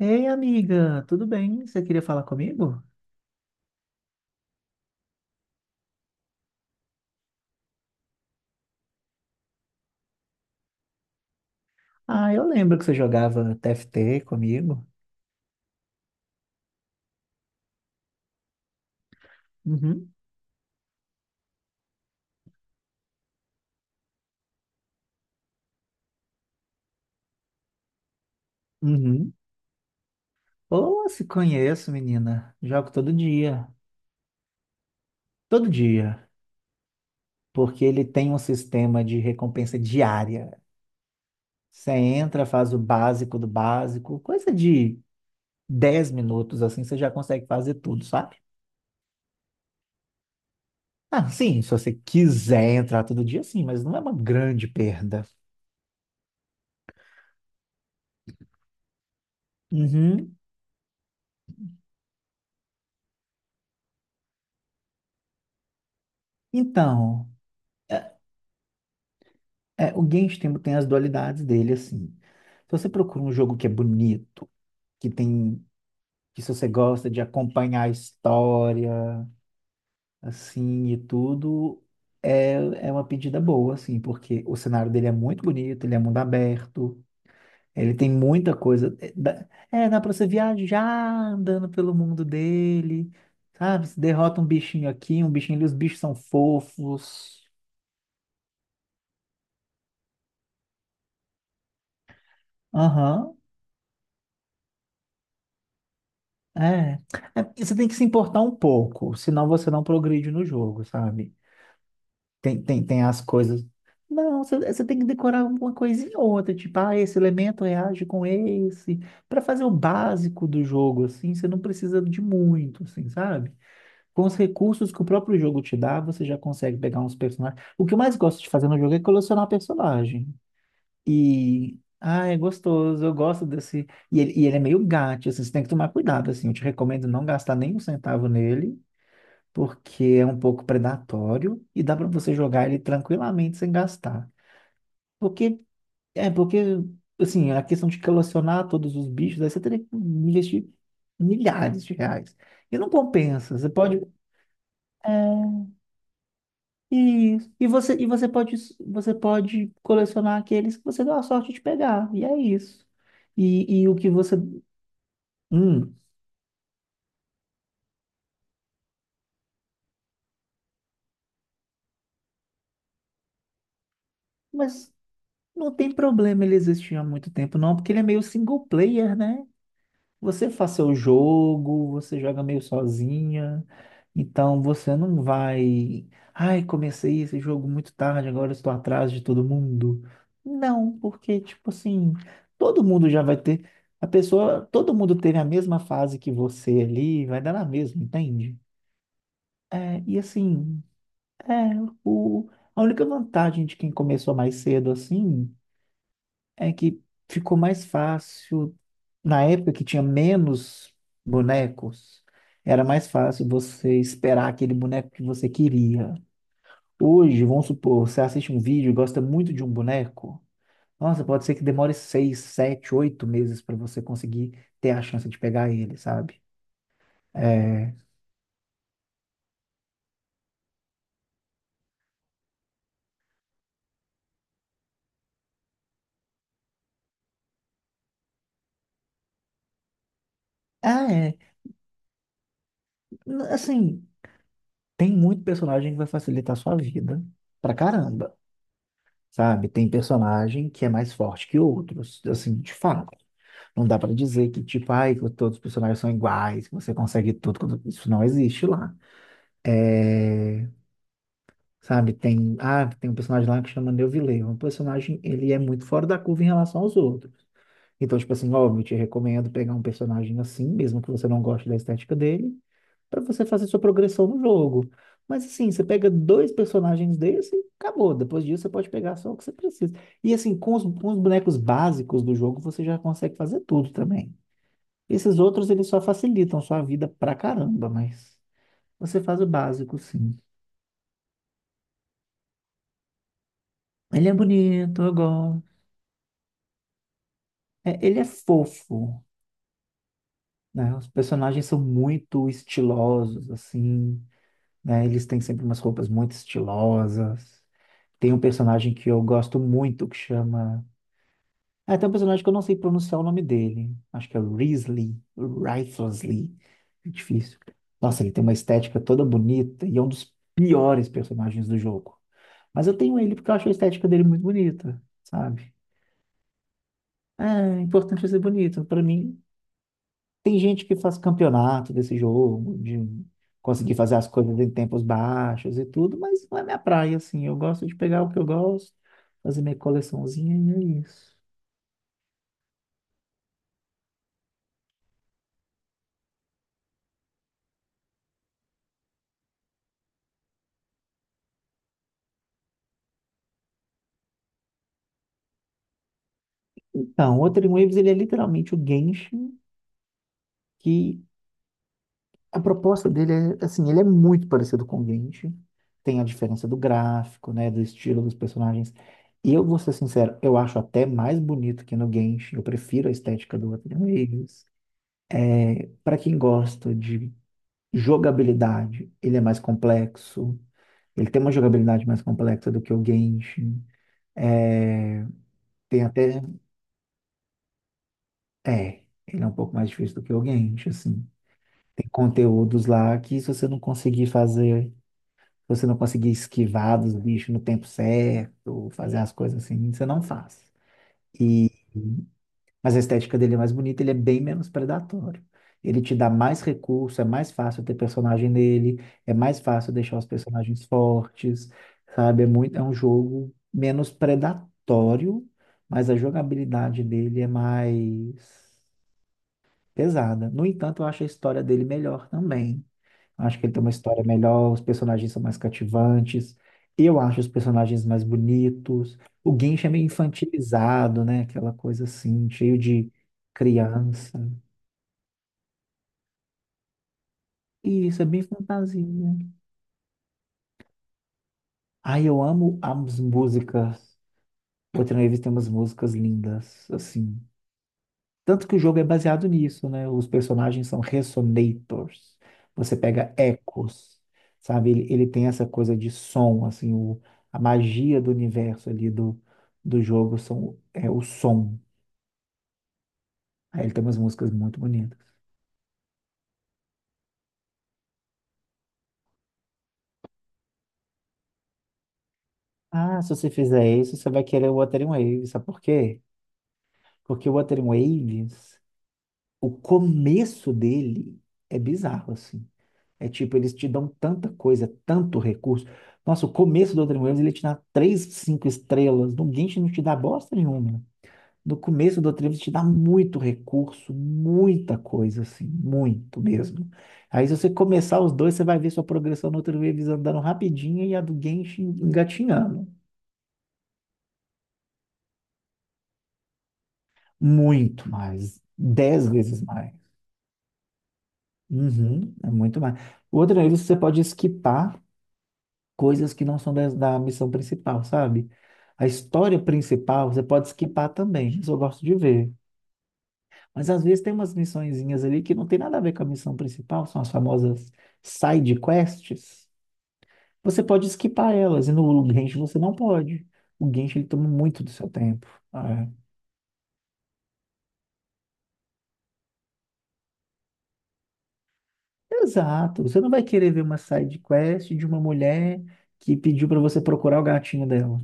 Ei, amiga, tudo bem? Você queria falar comigo? Ah, eu lembro que você jogava TFT comigo. Uhum, uhum. Oh, se conheço, menina. Jogo todo dia. Todo dia. Porque ele tem um sistema de recompensa diária. Você entra, faz o básico do básico, coisa de 10 minutos, assim, você já consegue fazer tudo, sabe? Ah, sim, se você quiser entrar todo dia, sim, mas não é uma grande perda. Uhum. Então. É, o Genshin tem as dualidades dele, assim. Se você procura um jogo que é bonito, que tem, que se você gosta de acompanhar a história, assim, e tudo, é, é uma pedida boa, assim, porque o cenário dele é muito bonito, ele é mundo aberto, ele tem muita coisa. É, dá pra você viajar andando pelo mundo dele, sabe? Você derrota um bichinho aqui, um bichinho ali, os bichos são fofos. Aham. É, você tem que se importar um pouco, senão você não progride no jogo, sabe? Tem as coisas. Não, você tem que decorar uma coisinha ou outra, tipo, ah, esse elemento reage com esse, para fazer o básico do jogo, assim, você não precisa de muito, assim, sabe? Com os recursos que o próprio jogo te dá, você já consegue pegar uns personagens. O que eu mais gosto de fazer no jogo é colecionar personagem. E, ah, é gostoso, eu gosto desse. E ele é meio gato, assim, você tem que tomar cuidado, assim. Eu te recomendo não gastar nem um centavo nele, porque é um pouco predatório e dá para você jogar ele tranquilamente sem gastar. Porque, é, porque, assim, a questão de colecionar todos os bichos, aí você teria que investir milhares de reais. E não compensa, você pode. E você pode colecionar aqueles que você deu a sorte de pegar. E é isso. O que você. Hum, mas não tem problema ele existir há muito tempo, não, porque ele é meio single player, né? Você faz seu jogo, você joga meio sozinha, então você não vai. Ai, comecei esse jogo muito tarde, agora estou atrás de todo mundo. Não, porque, tipo assim, todo mundo já vai ter. A pessoa, todo mundo teve a mesma fase que você ali, vai dar na mesma, entende? É, e assim, é, o, a única vantagem de quem começou mais cedo assim é que ficou mais fácil na época que tinha menos bonecos, era mais fácil você esperar aquele boneco que você queria. Hoje, vamos supor, você assiste um vídeo e gosta muito de um boneco. Nossa, pode ser que demore 6, 7, 8 meses para você conseguir ter a chance de pegar ele, sabe? É... Ah, é. Assim, tem muito personagem que vai facilitar a sua vida pra caramba, sabe? Tem personagem que é mais forte que outros, assim, de fato. Não dá para dizer que, tipo, ai, que todos os personagens são iguais, que você consegue tudo, quando isso não existe lá. É, sabe, tem, ah, tem um personagem lá que chama Neuvillette, um personagem, ele é muito fora da curva em relação aos outros. Então, tipo assim, óbvio, eu te recomendo pegar um personagem assim, mesmo que você não goste da estética dele, para você fazer sua progressão no jogo. Mas assim, você pega 2 personagens desse e acabou. Depois disso, você pode pegar só o que você precisa. E assim, com os bonecos básicos do jogo, você já consegue fazer tudo também. Esses outros, eles só facilitam sua vida pra caramba, mas você faz o básico, sim. Ele é bonito, eu gosto. É, ele é fofo, né? Os personagens são muito estilosos, assim, né? Eles têm sempre umas roupas muito estilosas. Tem um personagem que eu gosto muito que chama. Ah, tem um personagem que eu não sei pronunciar o nome dele. Acho que é Risley, Rifelsley. É difícil. Nossa, ele tem uma estética toda bonita e é um dos piores personagens do jogo. Mas eu tenho ele porque eu acho a estética dele muito bonita, sabe? É, é importante ser bonito. Pra mim, tem gente que faz campeonato desse jogo, de conseguir fazer as coisas em tempos baixos e tudo, mas não é minha praia, assim. Eu gosto de pegar o que eu gosto, fazer minha coleçãozinha e é isso. Então, o Wuthering Waves, ele é literalmente o Genshin que a proposta dele é, assim, ele é muito parecido com o Grinch, tem a diferença do gráfico, né, do estilo dos personagens. E eu vou ser sincero, eu acho até mais bonito que no Genshin, eu prefiro a estética do Ateliê Migs. Para quem gosta de jogabilidade, ele é mais complexo, ele tem uma jogabilidade mais complexa do que o Genshin. É, tem até, é, ele é um pouco mais difícil do que o Genshin, assim. Tem conteúdos lá que se você não conseguir fazer, você não conseguir esquivar dos bichos no tempo certo, fazer as coisas assim, você não faz. E, mas a estética dele é mais bonita, ele é bem menos predatório. Ele te dá mais recurso, é mais fácil ter personagem nele, é mais fácil deixar os personagens fortes, sabe? É muito, é um jogo menos predatório, mas a jogabilidade dele é mais pesada. No entanto, eu acho a história dele melhor também. Acho que ele tem uma história melhor, os personagens são mais cativantes. Eu acho os personagens mais bonitos. O Genshin é meio infantilizado, né? Aquela coisa assim, cheio de criança. E isso é bem fantasia, né? Ai, eu amo as músicas. O Tino Reeves tem umas músicas lindas, assim. Tanto que o jogo é baseado nisso, né? Os personagens são resonators. Você pega ecos, sabe? Ele tem essa coisa de som, assim, o, a magia do universo ali do, do jogo são, é o som. Aí ele tem umas músicas muito bonitas. Ah, se você fizer isso, você vai querer o Wuthering Waves, sabe por quê? Porque o Wuthering Waves, o começo dele é bizarro, assim. É tipo, eles te dão tanta coisa, tanto recurso. Nossa, o começo do Outrem Waves, ele te dá 3, 5 estrelas. No Genshin não te dá bosta nenhuma. No começo do Outrem Waves te dá muito recurso, muita coisa, assim, muito mesmo. Aí se você começar os dois, você vai ver sua progressão no Outrem Waves andando rapidinho e a do Genshin engatinhando. Muito mais. 10 vezes mais. Uhum, é muito mais. O Outrem você pode esquipar coisas que não são das, da missão principal, sabe? A história principal você pode skipar também, isso eu gosto de ver. Mas às vezes tem umas missõezinhas ali que não tem nada a ver com a missão principal, são as famosas side quests. Você pode skipar elas, e no Genshin você não pode. O Genshin ele toma muito do seu tempo. Ah, é. Exato, você não vai querer ver uma side quest de uma mulher que pediu para você procurar o gatinho dela.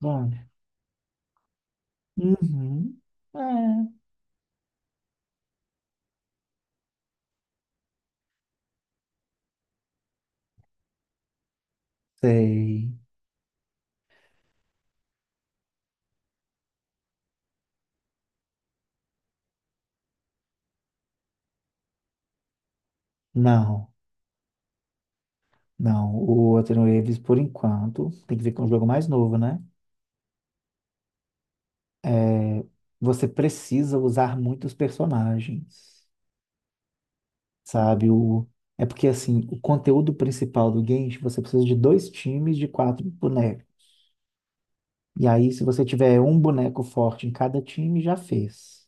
Bom, uhum. É, sei. Não. Não, o Anthony Davis, por enquanto, tem que ver com um jogo mais novo, né? É, você precisa usar muitos personagens, sabe? O, é porque, assim, o conteúdo principal do game, você precisa de 2 times de 4 bonecos. E aí, se você tiver um boneco forte em cada time, já fez.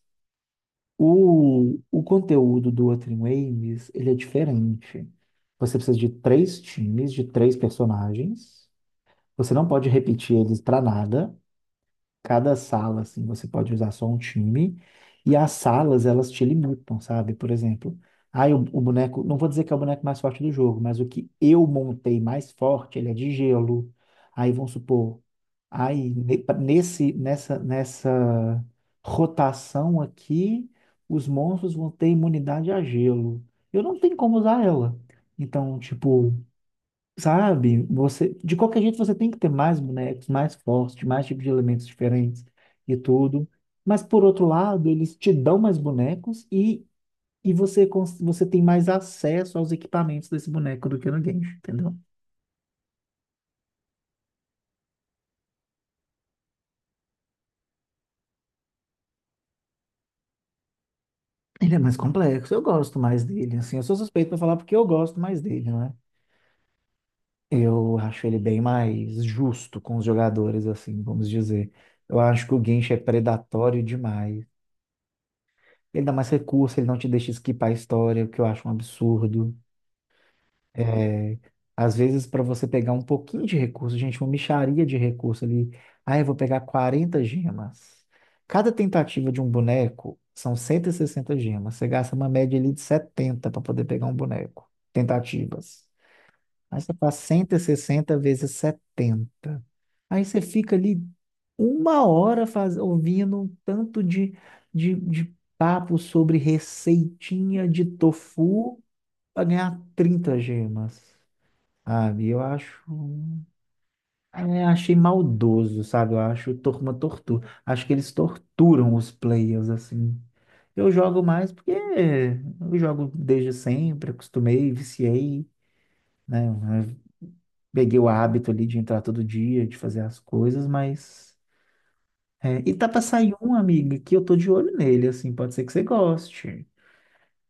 O conteúdo do Anthony Davis, ele é diferente. Você precisa de 3 times, de 3 personagens. Você não pode repetir eles para nada. Cada sala, assim, você pode usar só um time e as salas, elas te limitam, sabe? Por exemplo, ah, o boneco, não vou dizer que é o boneco mais forte do jogo, mas o que eu montei mais forte, ele é de gelo. Aí vamos supor, aí nessa rotação aqui, os monstros vão ter imunidade a gelo. Eu não tenho como usar ela. Então, tipo, sabe? Você, de qualquer jeito, você tem que ter mais bonecos, mais fortes, mais tipos de elementos diferentes e tudo. Mas, por outro lado, eles te dão mais bonecos e, você tem mais acesso aos equipamentos desse boneco do que no Genshin, entendeu? Ele é mais complexo, eu gosto mais dele, assim. Eu sou suspeito pra falar porque eu gosto mais dele, né? Eu acho ele bem mais justo com os jogadores, assim, vamos dizer. Eu acho que o Genshin é predatório demais. Ele dá mais recurso, ele não te deixa skipar a história, o que eu acho um absurdo. É, às vezes, para você pegar um pouquinho de recurso, gente, uma mixaria de recurso ali. Ah, eu vou pegar 40 gemas. Cada tentativa de um boneco são 160 gemas. Você gasta uma média ali de 70 para poder pegar um boneco. Tentativas. Aí você faz 160 vezes 70. Aí você fica ali uma hora faz, ouvindo um tanto de, de papo sobre receitinha de tofu para ganhar 30 gemas, sabe? Eu acho, é, achei maldoso, sabe? Eu acho tor- uma tortura. Acho que eles torturam os players assim. Eu jogo mais porque eu jogo desde sempre, acostumei, viciei, né? Peguei o hábito ali de entrar todo dia, de fazer as coisas, mas. É, e tá pra sair um, amiga, que eu tô de olho nele, assim, pode ser que você goste.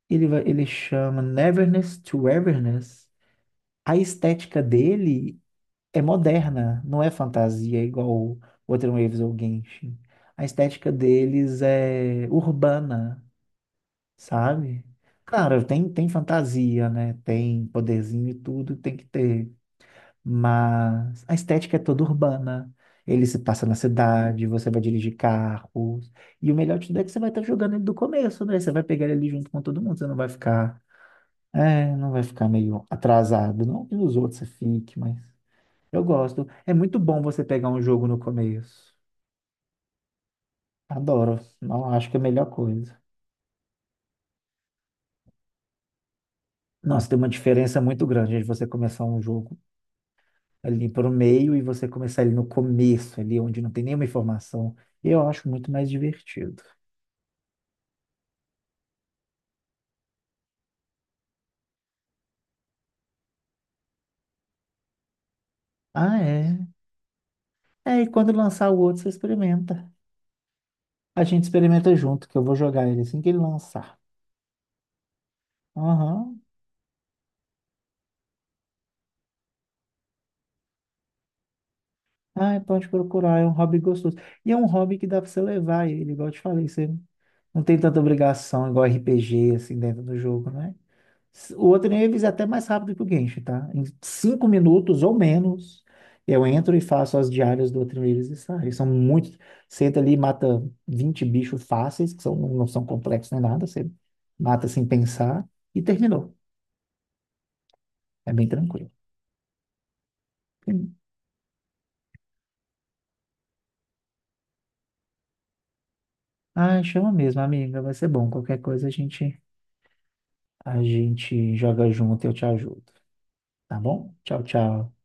Ele vai, ele chama Neverness to Everness. A estética dele é moderna, não é fantasia, é igual o Outer Waves ou Genshin. A estética deles é urbana, sabe? Claro, tem, tem fantasia, né? Tem poderzinho e tudo, tem que ter. Mas a estética é toda urbana. Ele se passa na cidade, você vai dirigir carros. E o melhor de tudo é que você vai estar jogando ele do começo, né? Você vai pegar ele ali junto com todo mundo. Você não vai ficar, é, não vai ficar meio atrasado. Não que os outros você fique, mas eu gosto. É muito bom você pegar um jogo no começo. Adoro. Não, acho que é a melhor coisa. Nossa, tem uma diferença muito grande de você começar um jogo ali pro meio e você começar ele no começo, ali onde não tem nenhuma informação. Eu acho muito mais divertido. Ah, é. É, e quando lançar o outro, você experimenta. A gente experimenta junto, que eu vou jogar ele assim que ele lançar. Aham. Ah, pode procurar, é um hobby gostoso. E é um hobby que dá pra você levar ele, igual eu te falei, você não tem tanta obrigação, igual RPG, assim, dentro do jogo, né? O Oddnieves é até mais rápido que o Genshin, tá? Em 5 minutos ou menos, eu entro e faço as diárias do Oddnieves e saio. São muitos. Senta ali e mata 20 bichos fáceis, que são, não são complexos nem nada. Você mata sem pensar e terminou. É bem tranquilo. Sim. Ah, chama mesmo, amiga. Vai ser bom. Qualquer coisa a gente joga junto e eu te ajudo. Tá bom? Tchau, tchau.